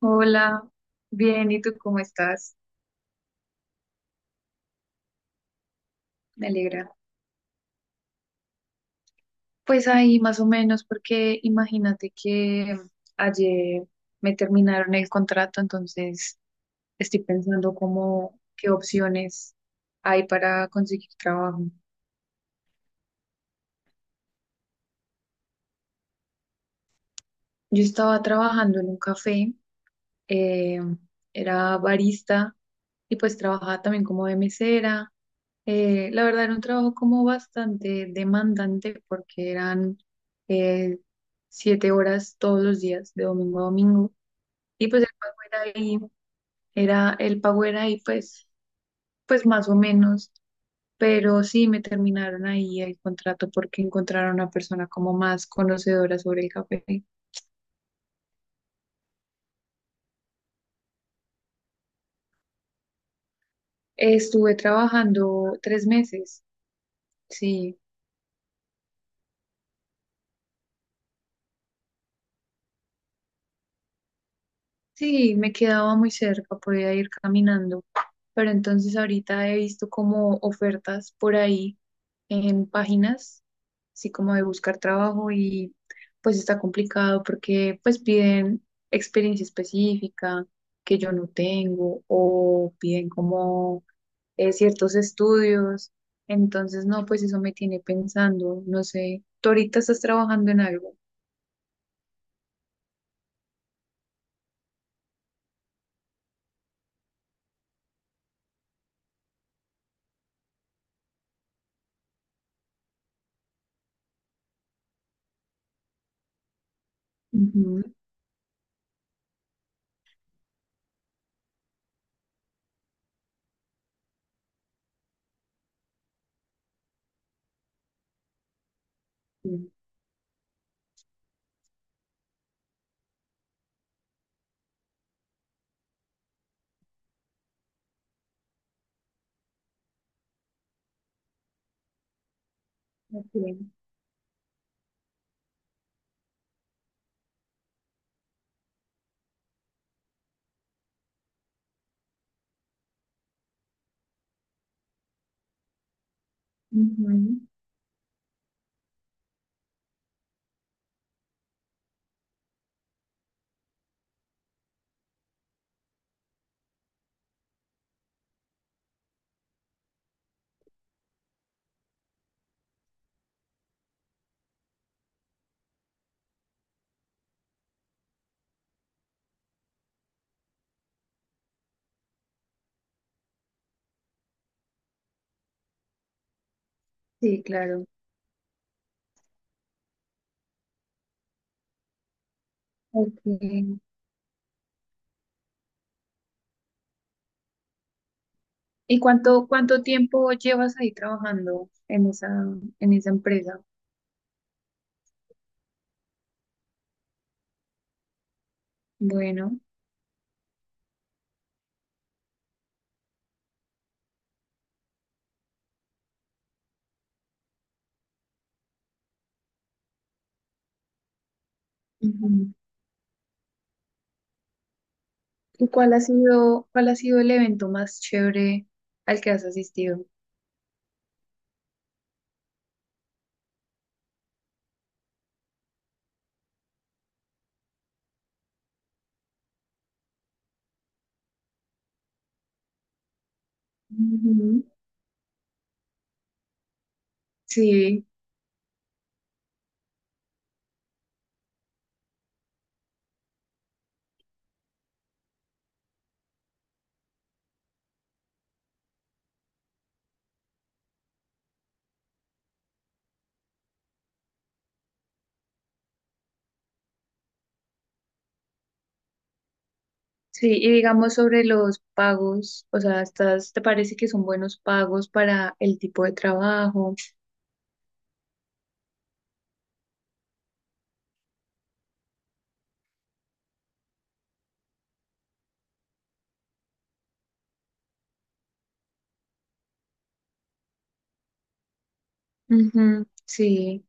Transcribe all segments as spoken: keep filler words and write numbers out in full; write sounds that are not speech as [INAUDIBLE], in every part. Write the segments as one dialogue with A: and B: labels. A: Hola, bien, ¿y tú cómo estás? Me alegra. Pues ahí más o menos, porque imagínate que ayer me terminaron el contrato, entonces estoy pensando cómo, qué opciones hay para conseguir trabajo. Yo estaba trabajando en un café, eh, era barista y pues trabajaba también como de mesera. Eh, la verdad era un trabajo como bastante demandante porque eran eh, siete horas todos los días, de domingo a domingo. Y pues el pago era ahí, era, el pago era ahí pues, pues más o menos, pero sí me terminaron ahí el contrato porque encontraron a una persona como más conocedora sobre el café. Estuve trabajando tres meses, sí. Sí, me quedaba muy cerca, podía ir caminando, pero entonces ahorita he visto como ofertas por ahí en páginas, así como de buscar trabajo y pues está complicado porque pues piden experiencia específica que yo no tengo o piden como eh, ciertos estudios, entonces no, pues eso me tiene pensando, no sé, tú ahorita estás trabajando en algo. Ujú, sí, ok, ujú, sí, claro. Ok. ¿Y cuánto, cuánto tiempo llevas ahí trabajando en esa, en esa empresa? Bueno. Ujú. ¿Y cuál ha sido, cuál ha sido el evento más chévere al que has asistido? Ujú. Sí, sí, y digamos sobre los pagos, o sea, ¿estás, te parece que son buenos pagos para el tipo de trabajo? Ujú. Sí,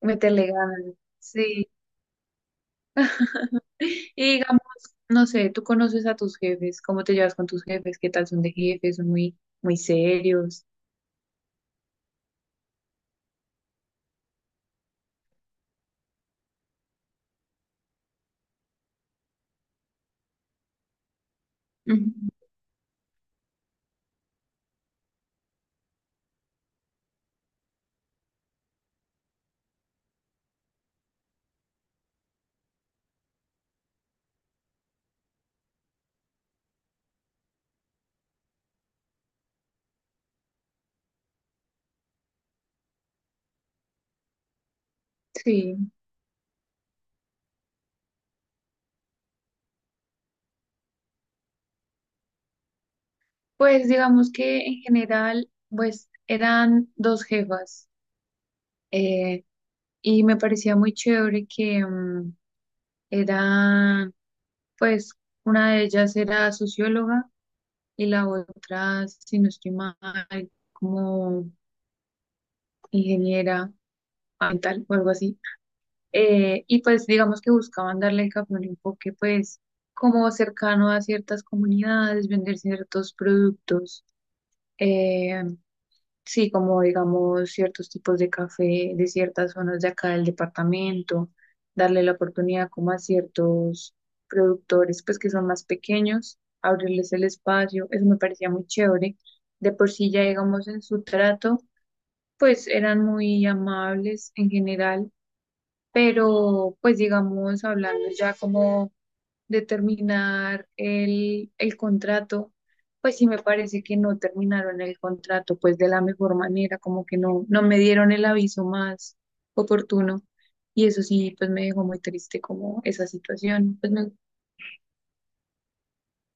A: meterle ganas. Sí. [LAUGHS] Y digamos, no sé, tú conoces a tus jefes, ¿cómo te llevas con tus jefes? ¿Qué tal son de jefes? ¿Son muy, muy serios? Ujú. Sí, pues digamos que en general, pues eran dos jefas, eh, y me parecía muy chévere que, mm, eran, pues una de ellas era socióloga y la otra, si no estoy mal, como ingeniera ambiental o algo así. Eh, y pues digamos que buscaban darle al café un enfoque pues como cercano a ciertas comunidades, vender ciertos productos, eh, sí, como digamos ciertos tipos de café de ciertas zonas de acá del departamento, darle la oportunidad como a ciertos productores pues que son más pequeños, abrirles el espacio, eso me parecía muy chévere. De por sí ya digamos en su trato, pues eran muy amables en general, pero pues digamos, hablando ya como de terminar el, el contrato, pues sí me parece que no terminaron el contrato pues de la mejor manera, como que no, no me dieron el aviso más oportuno, y eso sí, pues me dejó muy triste como esa situación. Pues me-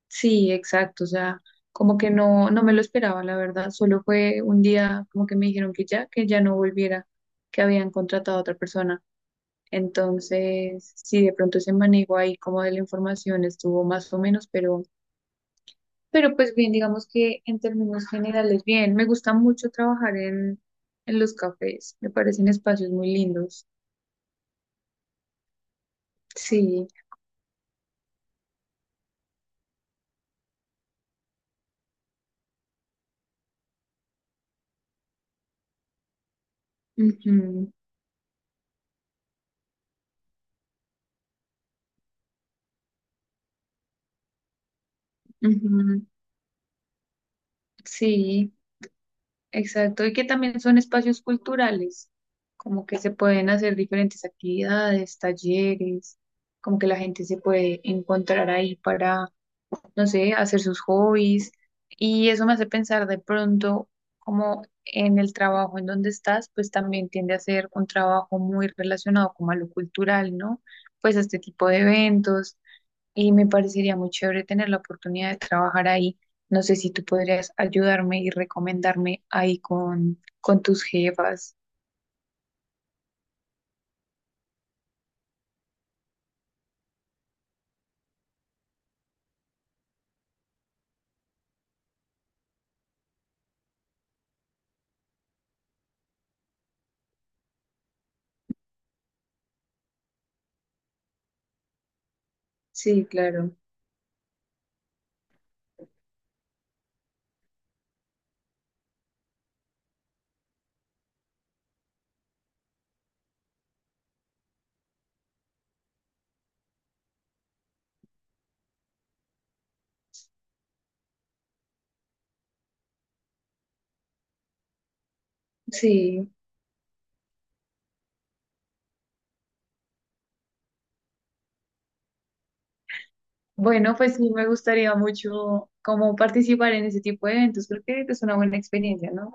A: Sí, exacto, o sea, como que no, no me lo esperaba, la verdad, solo fue un día como que me dijeron que ya, que ya, no volviera, que habían contratado a otra persona. Entonces, sí, de pronto ese manejo ahí como de la información estuvo más o menos, pero, pero pues bien, digamos que en términos generales, bien, me gusta mucho trabajar en, en los cafés, me parecen espacios muy lindos. Sí, ujú, ujú, sí, exacto, y que también son espacios culturales, como que se pueden hacer diferentes actividades, talleres, como que la gente se puede encontrar ahí, no sé, hacer sus hobbies. Y eso me hace pensar de pronto como en el trabajo en donde estás, pues también tiende a ser un trabajo muy relacionado como a lo cultural, ¿no? Pues a este tipo de eventos. Y me parecería muy chévere tener la oportunidad de trabajar ahí. No sé si tú podrías ayudarme y recomendarme ahí con, con tus jefas. Sí, claro. Sí. Bueno, pues sí, me gustaría mucho como participar en ese tipo de eventos. Creo que es una buena experiencia, ¿no?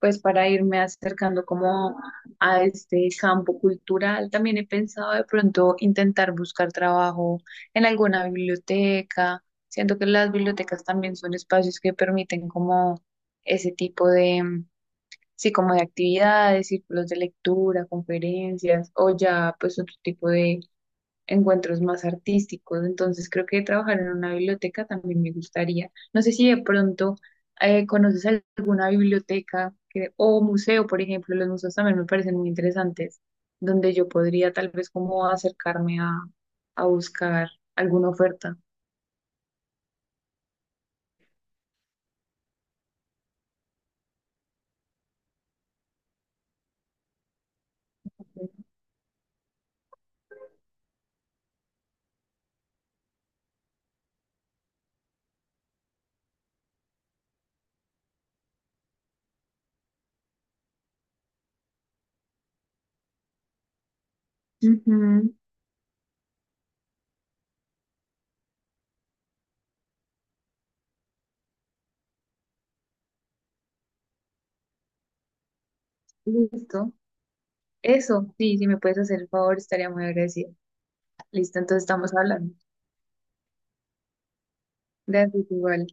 A: Pues para irme acercando como a este campo cultural. También he pensado de pronto intentar buscar trabajo en alguna biblioteca. Siento que las bibliotecas también son espacios que permiten como ese tipo de, mm, sí, como de actividades, círculos de lectura, conferencias o ya pues otro tipo de encuentros más artísticos. Entonces creo que trabajar en una biblioteca también me gustaría. No sé si de pronto eh, conoces alguna biblioteca que- o museo, por ejemplo, los museos también me parecen muy interesantes, donde yo podría tal vez como acercarme a, a buscar alguna oferta. Ujú. Listo. Eso, sí, si me puedes hacer el favor, estaría muy agradecida. Listo, entonces estamos hablando. Gracias, igual.